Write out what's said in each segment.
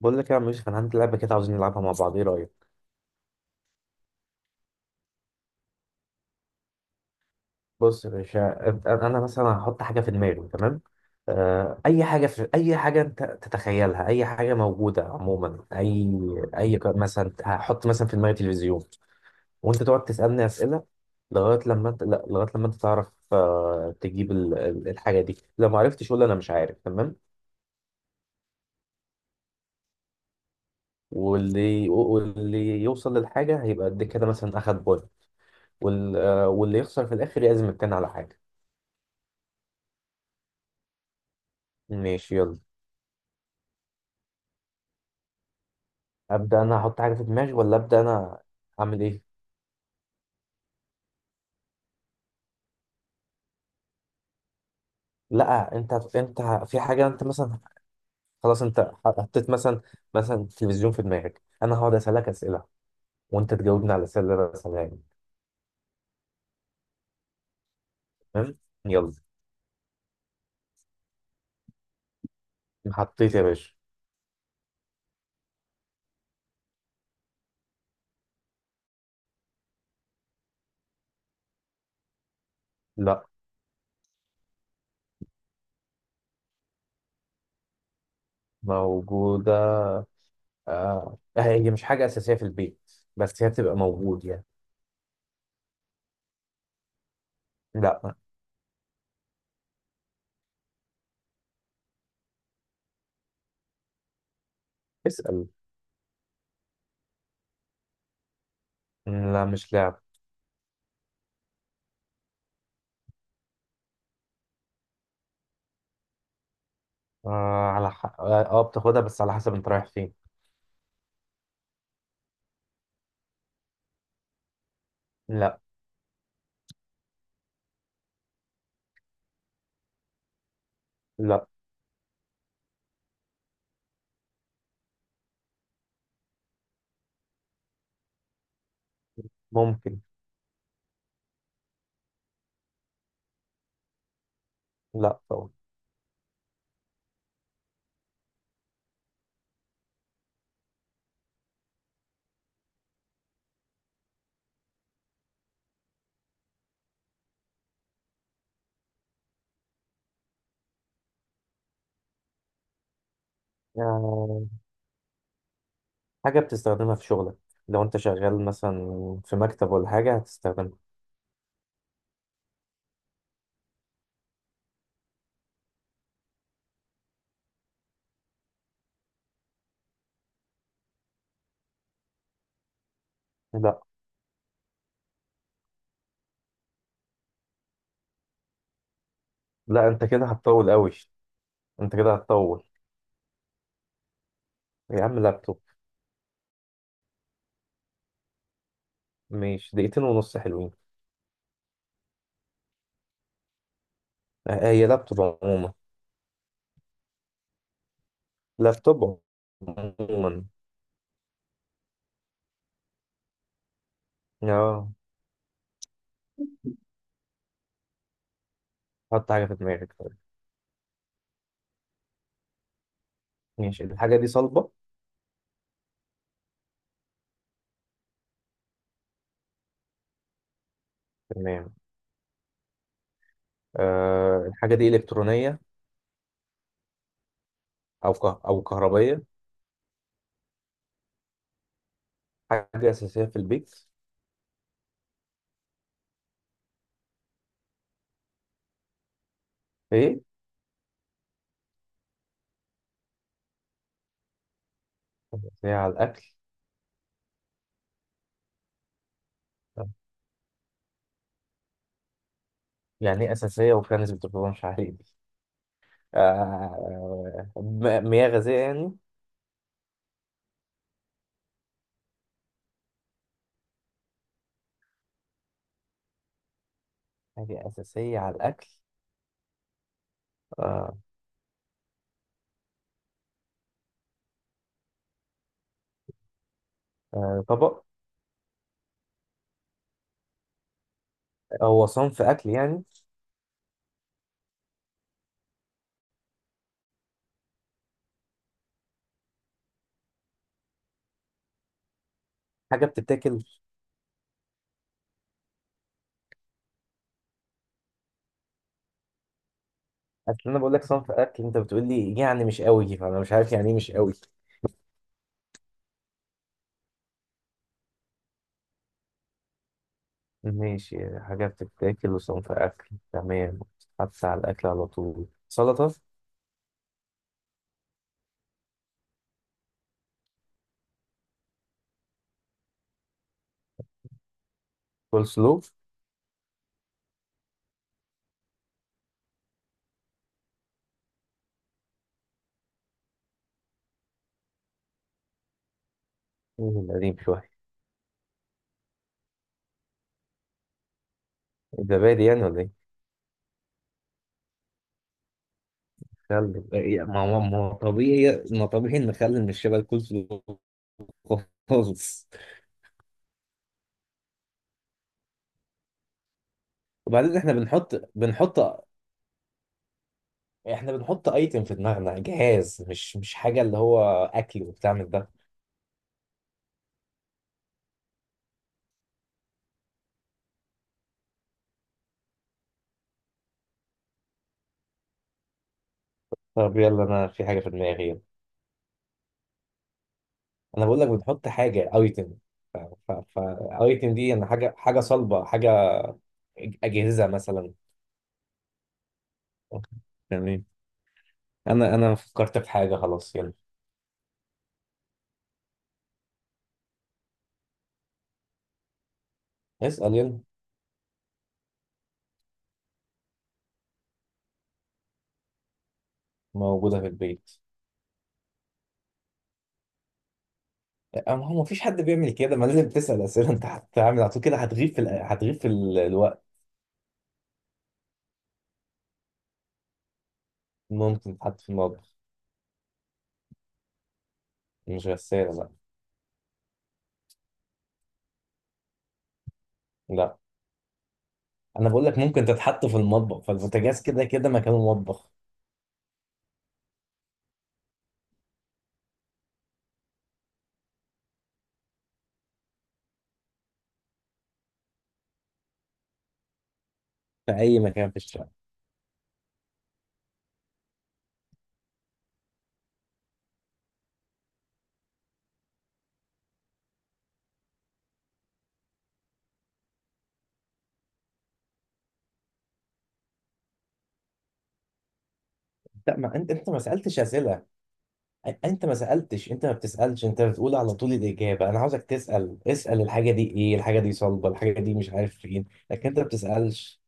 بقول لك يا عم يوسف، انا عندي لعبه كده عاوزين نلعبها مع بعض، ايه رايك؟ بص يا باشا. انا مثلا هحط حاجه في دماغي، تمام؟ اي حاجه، في اي حاجه انت تتخيلها، اي حاجه موجوده عموما. اي مثلا هحط مثلا في دماغي تلفزيون، وانت تقعد تسالني اسئله لغايه لما انت لا لغايه لما انت تعرف، تجيب الحاجه دي. لو ما عرفتش قول انا مش عارف، تمام؟ واللي يوصل للحاجه هيبقى قد كده، مثلا اخد بوينت. واللي يخسر في الاخر يعزم التاني على حاجه. ماشي يلا. ابدا انا احط حاجه في دماغي، ولا ابدا انا اعمل ايه؟ لا، انت في حاجه انت مثلا، خلاص انت حطيت مثلا، مثلا تلفزيون في دماغك، انا هقعد اسالك اسئله وانت تجاوبني على الاسئله اللي انا بسالها لك. تمام يلا. حطيت يا باشا. لا، موجوده. آه، هي مش حاجه اساسيه في البيت بس هي بتبقى موجود يعني. لا. اسال. لا مش لعب. آه على حق، اه، بتاخدها بس على حسب انت رايح فين. لا. لا. ممكن. لا طبعا. آه. حاجة بتستخدمها في شغلك، لو انت شغال مثلا في مكتب ولا حاجة هتستخدمها. لا. لا انت كده هتطول قوي. انت كده هتطول. يا عم لابتوب. ماشي دقيقتين ونص حلوين. اه، هي لابتوب عموما. لابتوب عموما. اه. حط حاجة في دماغك طيب. ماشي، الحاجة دي صلبة؟ تمام. آه، الحاجة دي إلكترونية أو كهربية؟ حاجة أساسية في البيت؟ إيه؟ أساسية على الأكل؟ يعني إيه أساسية وفي ناس بتبقى مش عارف؟ مياه غازية يعني؟ حاجة أساسية على الأكل. آه، طبق؟ هو صنف أكل يعني؟ حاجة بتتاكل؟ أصل أنا بقول لك صنف أكل أنت بتقول لي يعني مش قوي، فأنا مش عارف يعني إيه مش قوي. ماشي، حاجة بتتاكل وصنف أكل، تمام. حتى على الأكل على طول، سلطة؟ كول سلو؟ إيه قديم شوية؟ زبادي يعني ولا إيه؟ خل إيه، ما هو طبيعي، ما طبيعي إن خل مش شبه الكول سلو. خالص. وبعدين إحنا بنحط، احنا بنحط ايتم في دماغنا جهاز، مش حاجه اللي هو اكل وبتاع من ده. طب يلا انا في حاجه في دماغي يلا. انا بقول لك بنحط حاجه ايتم. ف ف ف ايتم دي انا حاجه، حاجه صلبه، حاجه اجهزه مثلا. أوكي. تمام. انا فكرت في حاجه، خلاص يلا. اسال يلا. موجوده في البيت. أما هو مفيش حد بيعمل كده، ما لازم تسال اسئله، انت هتعمل على طول كده هتغيب في هتغيب في الوقت. ممكن تحط في المطبخ. مش غساله لا. لا. انا بقول لك ممكن تتحط في المطبخ، فالبوتاجاز كده كده مكانه مطبخ. في اي مكان في الشارع. لا ما انت ما سالتش اسئله. انت ما سالتش، انت ما بتسالش، انت بتقول على طول الاجابه. انا عاوزك تسال، اسال الحاجه دي ايه، الحاجه دي صلبه، الحاجه دي مش عارف فين. لكن انت ما بتسالش.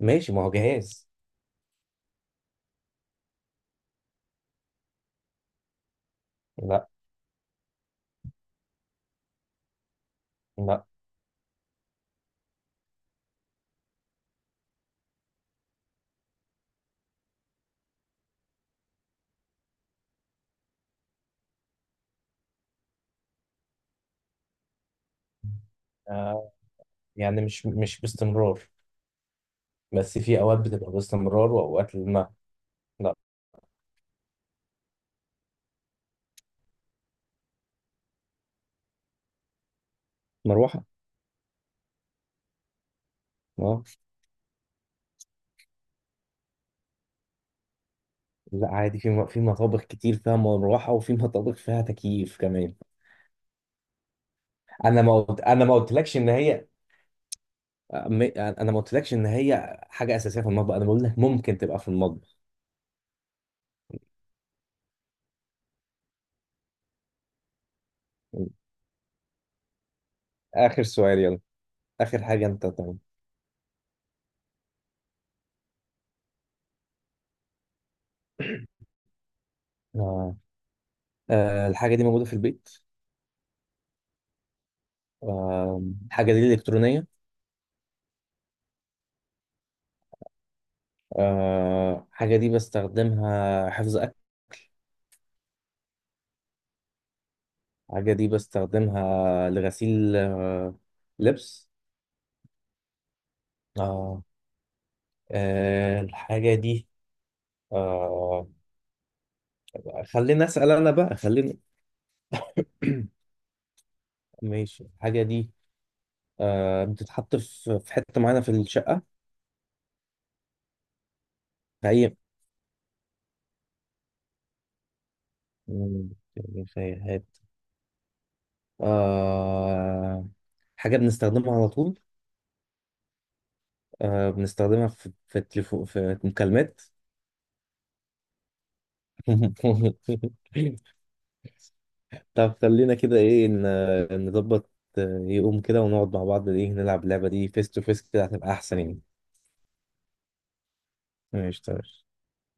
ماشي، ما هو جهاز. لا. لا. آه، يعني مش باستمرار، بس في اوقات بتبقى باستمرار واوقات لا. لا. مروحه. اه. لا عادي، في مطابخ كتير فيها مروحه، وفي مطابخ فيها تكييف كمان. انا ما قلت- انا ما قلتلكش ان هي، انا ما قلتلكش ان هي حاجه اساسيه في المطبخ، انا بقول لك ممكن تبقى في المطبخ. اخر سؤال يلا. اخر حاجه انت تعمل. آه. آه، الحاجه دي موجوده في البيت. آه، الحاجه دي الكترونيه. آه، حاجه دي بستخدمها حفظ اكل؟ حاجه دي بستخدمها لغسيل، آه، لبس؟ آه. آه، الحاجه دي. آه. خليني اسال انا بقى، خليني. ماشي، الحاجه دي آه بتتحط في حتة معينة في الشقة؟ في أي، رفايات؟ آه، حاجة بنستخدمها على طول. آه، بنستخدمها في التليفون في مكالمات. طب خلينا كده إيه نظبط، يقوم كده ونقعد مع بعض، إيه نلعب اللعبة دي فيس تو فيس، كده هتبقى أحسن يعني. ماشي تمام.